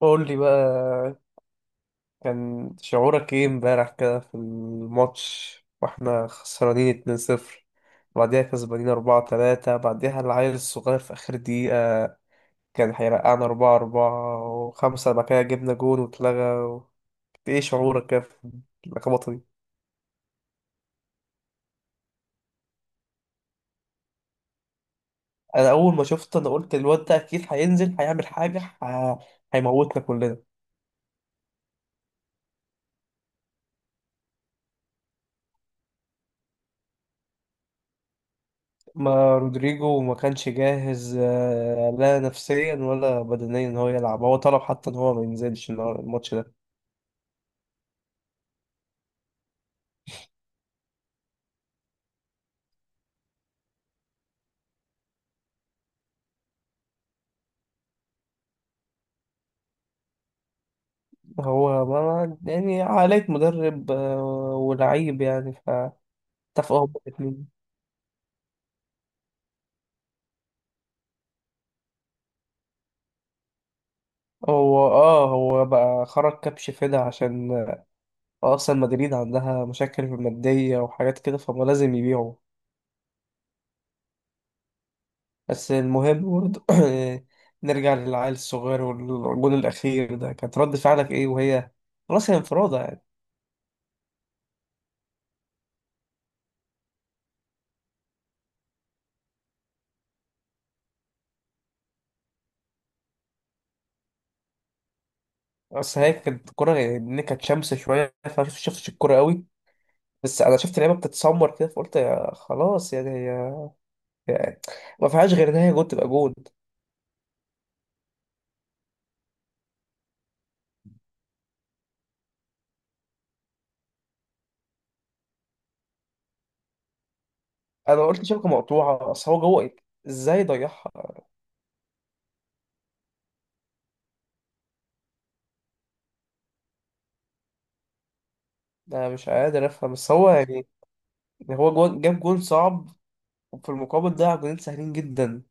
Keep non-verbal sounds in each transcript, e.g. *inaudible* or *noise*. قول لي بقى، كان شعورك ايه امبارح كده في الماتش واحنا خسرانين 2-0، بعديها كسبانين 4-3، بعديها العيل الصغير في اخر دقيقة كان هيرقعنا 4-4، وخمسة بعد كده جبنا جون واتلغى ايه شعورك كده في اللخبطة دي. انا اول ما شفت انا قلت الواد ده اكيد هينزل هيعمل حاجة هيموتنا كلنا. ما رودريجو ما كانش جاهز لا نفسيا ولا بدنيا ان هو يلعب، هو طلب حتى ان هو ما ينزلش الماتش ده. هو ما يعني عقلية مدرب ولعيب يعني، فاتفقوا هما الاثنين. هو اه بقى خرج كبش فدا عشان اصلا مدريد عندها مشاكل مادية وحاجات كده فما لازم يبيعوا. بس المهم برضه *coughs* *clears throat* نرجع للعيل الصغير والجون الأخير ده، كانت رد فعلك ايه وهي خلاص هي انفرادة يعني. اصل هي كانت الكوره، ان كانت شمس شويه فما شفتش الكوره قوي، بس انا شفت لعيبه بتتسمر كده فقلت يا خلاص يعني هي يعني ما فيهاش غير ان هي جول تبقى جول. انا قلت شبكه مقطوعه، اصل هو جوه إيه؟ ازاي ضيعها. انا مش قادر افهم، بس هو يعني هو جوه جاب جول صعب، وفي المقابل ضيع جولين سهلين جدا،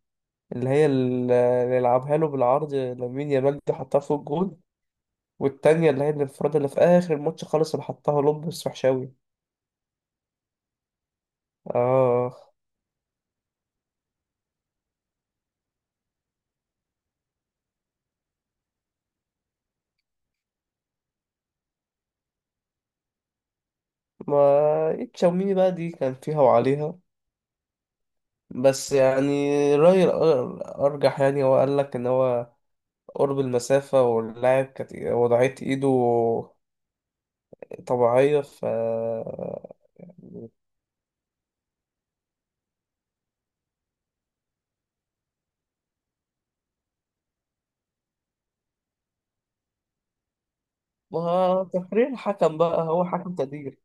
اللي هي اللي يلعبها له بالعرض لامين يامال دي حطها فوق الجول، والتانية اللي هي الانفراد اللي في آخر الماتش خالص اللي حطها لوب بس وحشاوي. آه، ما تشاوميني بقى دي كان فيها وعليها، بس يعني رأيي أرجح يعني هو قال لك إن هو قرب المسافة واللاعب كانت وضعية إيده طبيعية ما تقرير الحكم بقى هو حكم تقدير.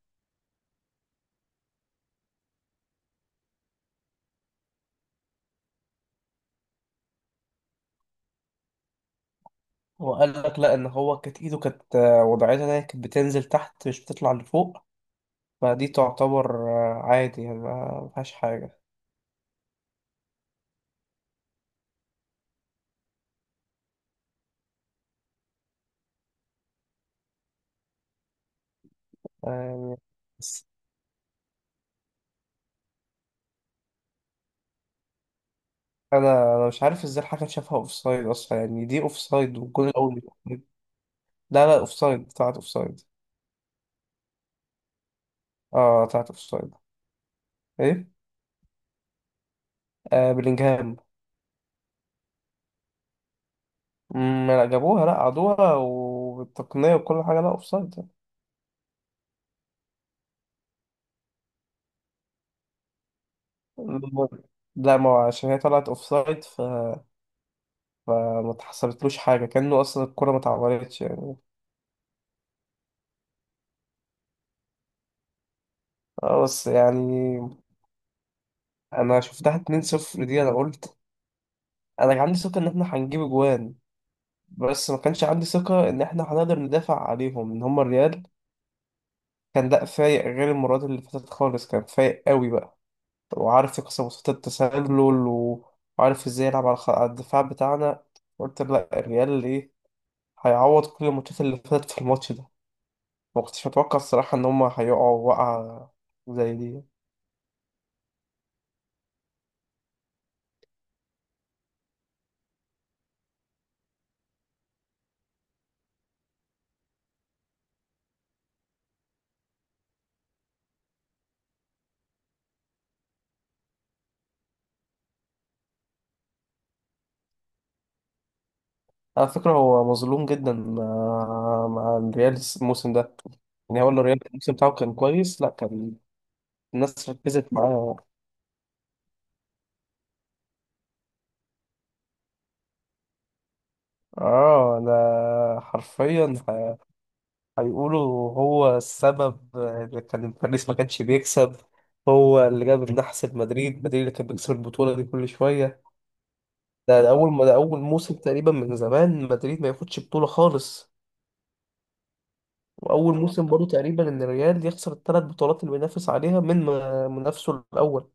هو قال لك لا، إن هو كانت إيده كانت وضعيتها إن هي كانت بتنزل تحت مش بتطلع لفوق، فدي تعتبر عادي يعني ما فيهاش حاجة يعني. انا مش عارف ازاي الحكم شافها اوف سايد اصلا، يعني دي اوف سايد، والجول الاول مش offside. لا لا، اوف سايد، طلعت اوف سايد. اه طلعت اوف سايد. ايه؟ آه بلينجهام. لا جابوها لا عادوها والتقنيه وكل حاجه، لا اوف سايد. لا ما هو عشان هي طلعت اوف سايد فما اتحسبتلوش حاجه كانه اصلا الكره ما اتعورتش يعني. اه بس يعني انا شفتها 2-0 دي، انا قلت انا كان عندي ثقه ان احنا هنجيب اجوان، بس ما كانش عندي ثقة إن إحنا هنقدر ندافع عليهم، إن هما الريال كان لا فايق غير المرات اللي فاتت خالص، كان فايق قوي بقى وعارف يكسر وسط التسلل وعارف ازاي يلعب على على الدفاع بتاعنا. قلت لا، الريال ايه، هيعوض كل الماتشات اللي فاتت في الماتش ده. ما كنتش متوقع الصراحة ان هما هيقعوا وقعة زي دي. على فكرة هو مظلوم جدا مع مع الريال الموسم ده، يعني هو الريال الموسم بتاعه كان كويس، لا كان الناس ركزت معاه. اه ده حرفيا هيقولوا هو السبب اللي كان باريس ما كانش بيكسب، هو اللي جاب النحس لمدريد، مدريد اللي كان بيكسب البطولة دي كل شوية. ده, ده أول ما ده أول موسم تقريبا من زمان مدريد ما ياخدش بطولة خالص، وأول موسم برضه تقريبا إن الريال يخسر الثلاث بطولات اللي بينافس عليها من منافسه الأول.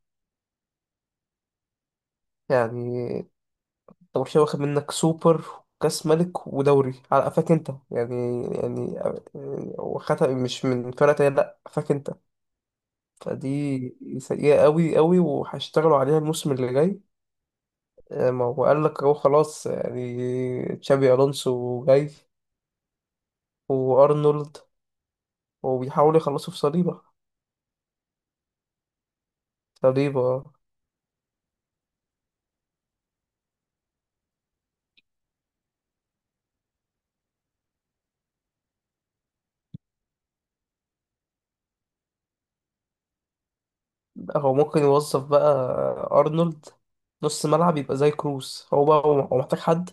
يعني أنت برشلونة واخد منك سوبر وكأس ملك ودوري على قفاك أنت، يعني يعني واخدها مش من فرقة تانية لأ، قفاك أنت، فدي سيئة قوي قوي وهيشتغلوا عليها الموسم اللي جاي. ما هو قال لك اهو خلاص يعني تشابي الونسو جاي وارنولد، وبيحاولوا يخلصوا في صليبة. صليبة. هو ممكن يوظف بقى ارنولد نص ملعب يبقى زي كروس، هو بقى هو محتاج حد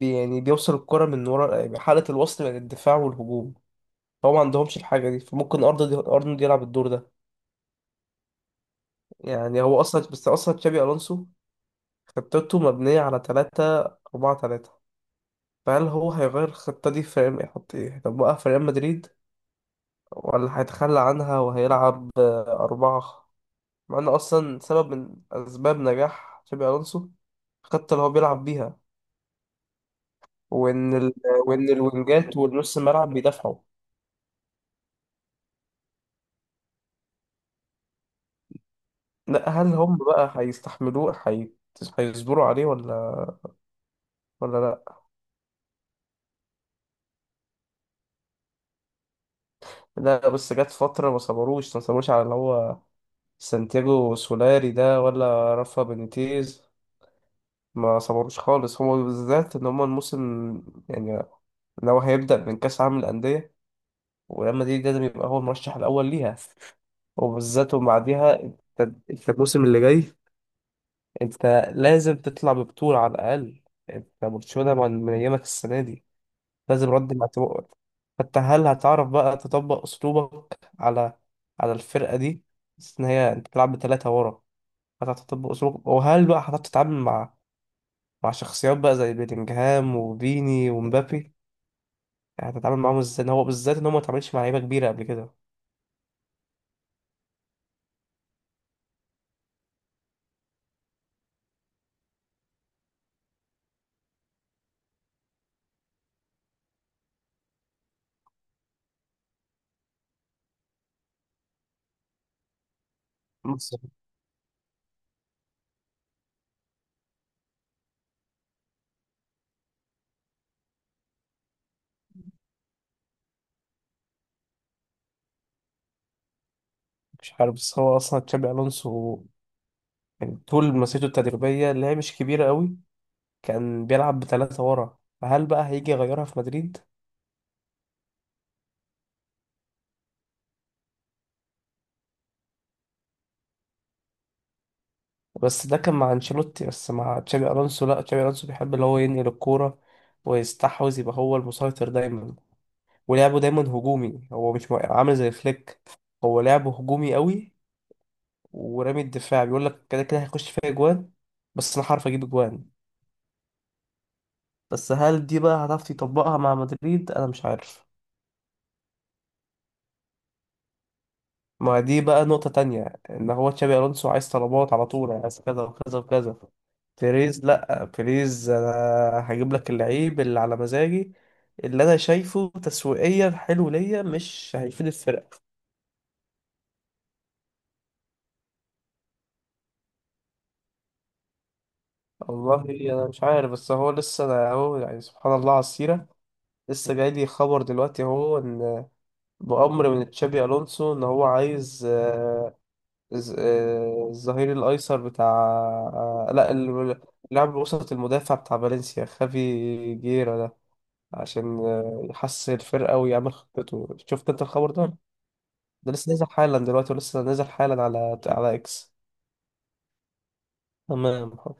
يعني بيوصل الكرة من ورا يعني حالة الوصل بين الدفاع والهجوم، هو ما عندهمش الحاجة دي، فممكن ارنولد يلعب الدور ده. يعني هو اصلا بس اصلا تشابي الونسو خطته مبنية على تلاتة أربعة تلاتة، فهل هو هيغير الخطة دي في يحط إيه؟ هيطبقها في ريال مدريد، ولا هيتخلى عنها وهيلعب أربعة؟ مع إن أصلا سبب من أسباب نجاح تشابي ألونسو الخطة اللي هو بيلعب بيها، وإن ال... وإن الوينجات والنص الملعب بيدافعوا. لا هل هم بقى هيستحملوه؟ هيصبروا عليه ولا ولا لا؟ لا بس جت فترة ما صبروش، ما صبروش على اللي هو سانتياغو سولاري ده ولا رافا بينيتيز، ما صبروش خالص هما بالذات. ان هما الموسم يعني لو هيبدأ من كأس عالم الأندية، وريال مدريد لازم يبقى هو المرشح الأول ليها، وبالذات وبعديها انت، انت الموسم اللي جاي، انت لازم تطلع ببطولة على الأقل. انت برشلونة من أيامك السنة دي لازم رد مع تبقى. فانت هل هتعرف بقى تطبق أسلوبك على على الفرقة دي، بس إن هي أنت بتلعب بثلاثة ورا، هتعرف تطبق أسلوبك؟ وهل بقى هتعرف تتعامل مع مع شخصيات بقى زي بيلينجهام وفيني ومبابي؟ يعني هتتعامل معاهم ازاي إن هو بالذات ان هو ما اتعاملش مع لعيبه كبيره قبل كده؟ بس مش عارف، بس هو اصلا تشابي الونسو يعني طول مسيرته التدريبيه اللي هي مش كبيره قوي كان بيلعب بثلاثه ورا، فهل بقى هيجي يغيرها في مدريد؟ بس ده كان مع انشيلوتي، بس مع تشابي الونسو لا، تشابي الونسو بيحب اللي هو ينقل الكوره ويستحوذ يبقى هو المسيطر دايما، ولعبه دايما هجومي، هو مش عامل زي فليك، هو لعبه هجومي قوي ورامي الدفاع، بيقول لك كده كده هيخش فيها اجوان بس انا هعرف اجيب اجوان، بس هل دي بقى هتعرف تطبقها مع مدريد، انا مش عارف. ما دي بقى نقطة تانية، ان هو تشابي الونسو عايز طلبات على طول، عايز كذا وكذا وكذا، بيريز لا، بيريز انا هجيب لك اللعيب اللي على مزاجي، اللي انا شايفه تسويقيا حلو ليا مش هيفيد الفرقة. والله انا مش عارف، بس هو لسه انا اهو يعني سبحان الله على السيرة، لسه جاي لي خبر دلوقتي اهو ان بأمر من تشابي ألونسو إن هو عايز الظهير الأيسر بتاع آه، لا ال- لاعب وسط المدافع بتاع فالنسيا، خافي جيرا ده، عشان يحسن الفرقة ويعمل خطته. شفت أنت الخبر ده؟ ده لسه نازل حالا دلوقتي، ولسه نازل حالا على على إكس. تمام.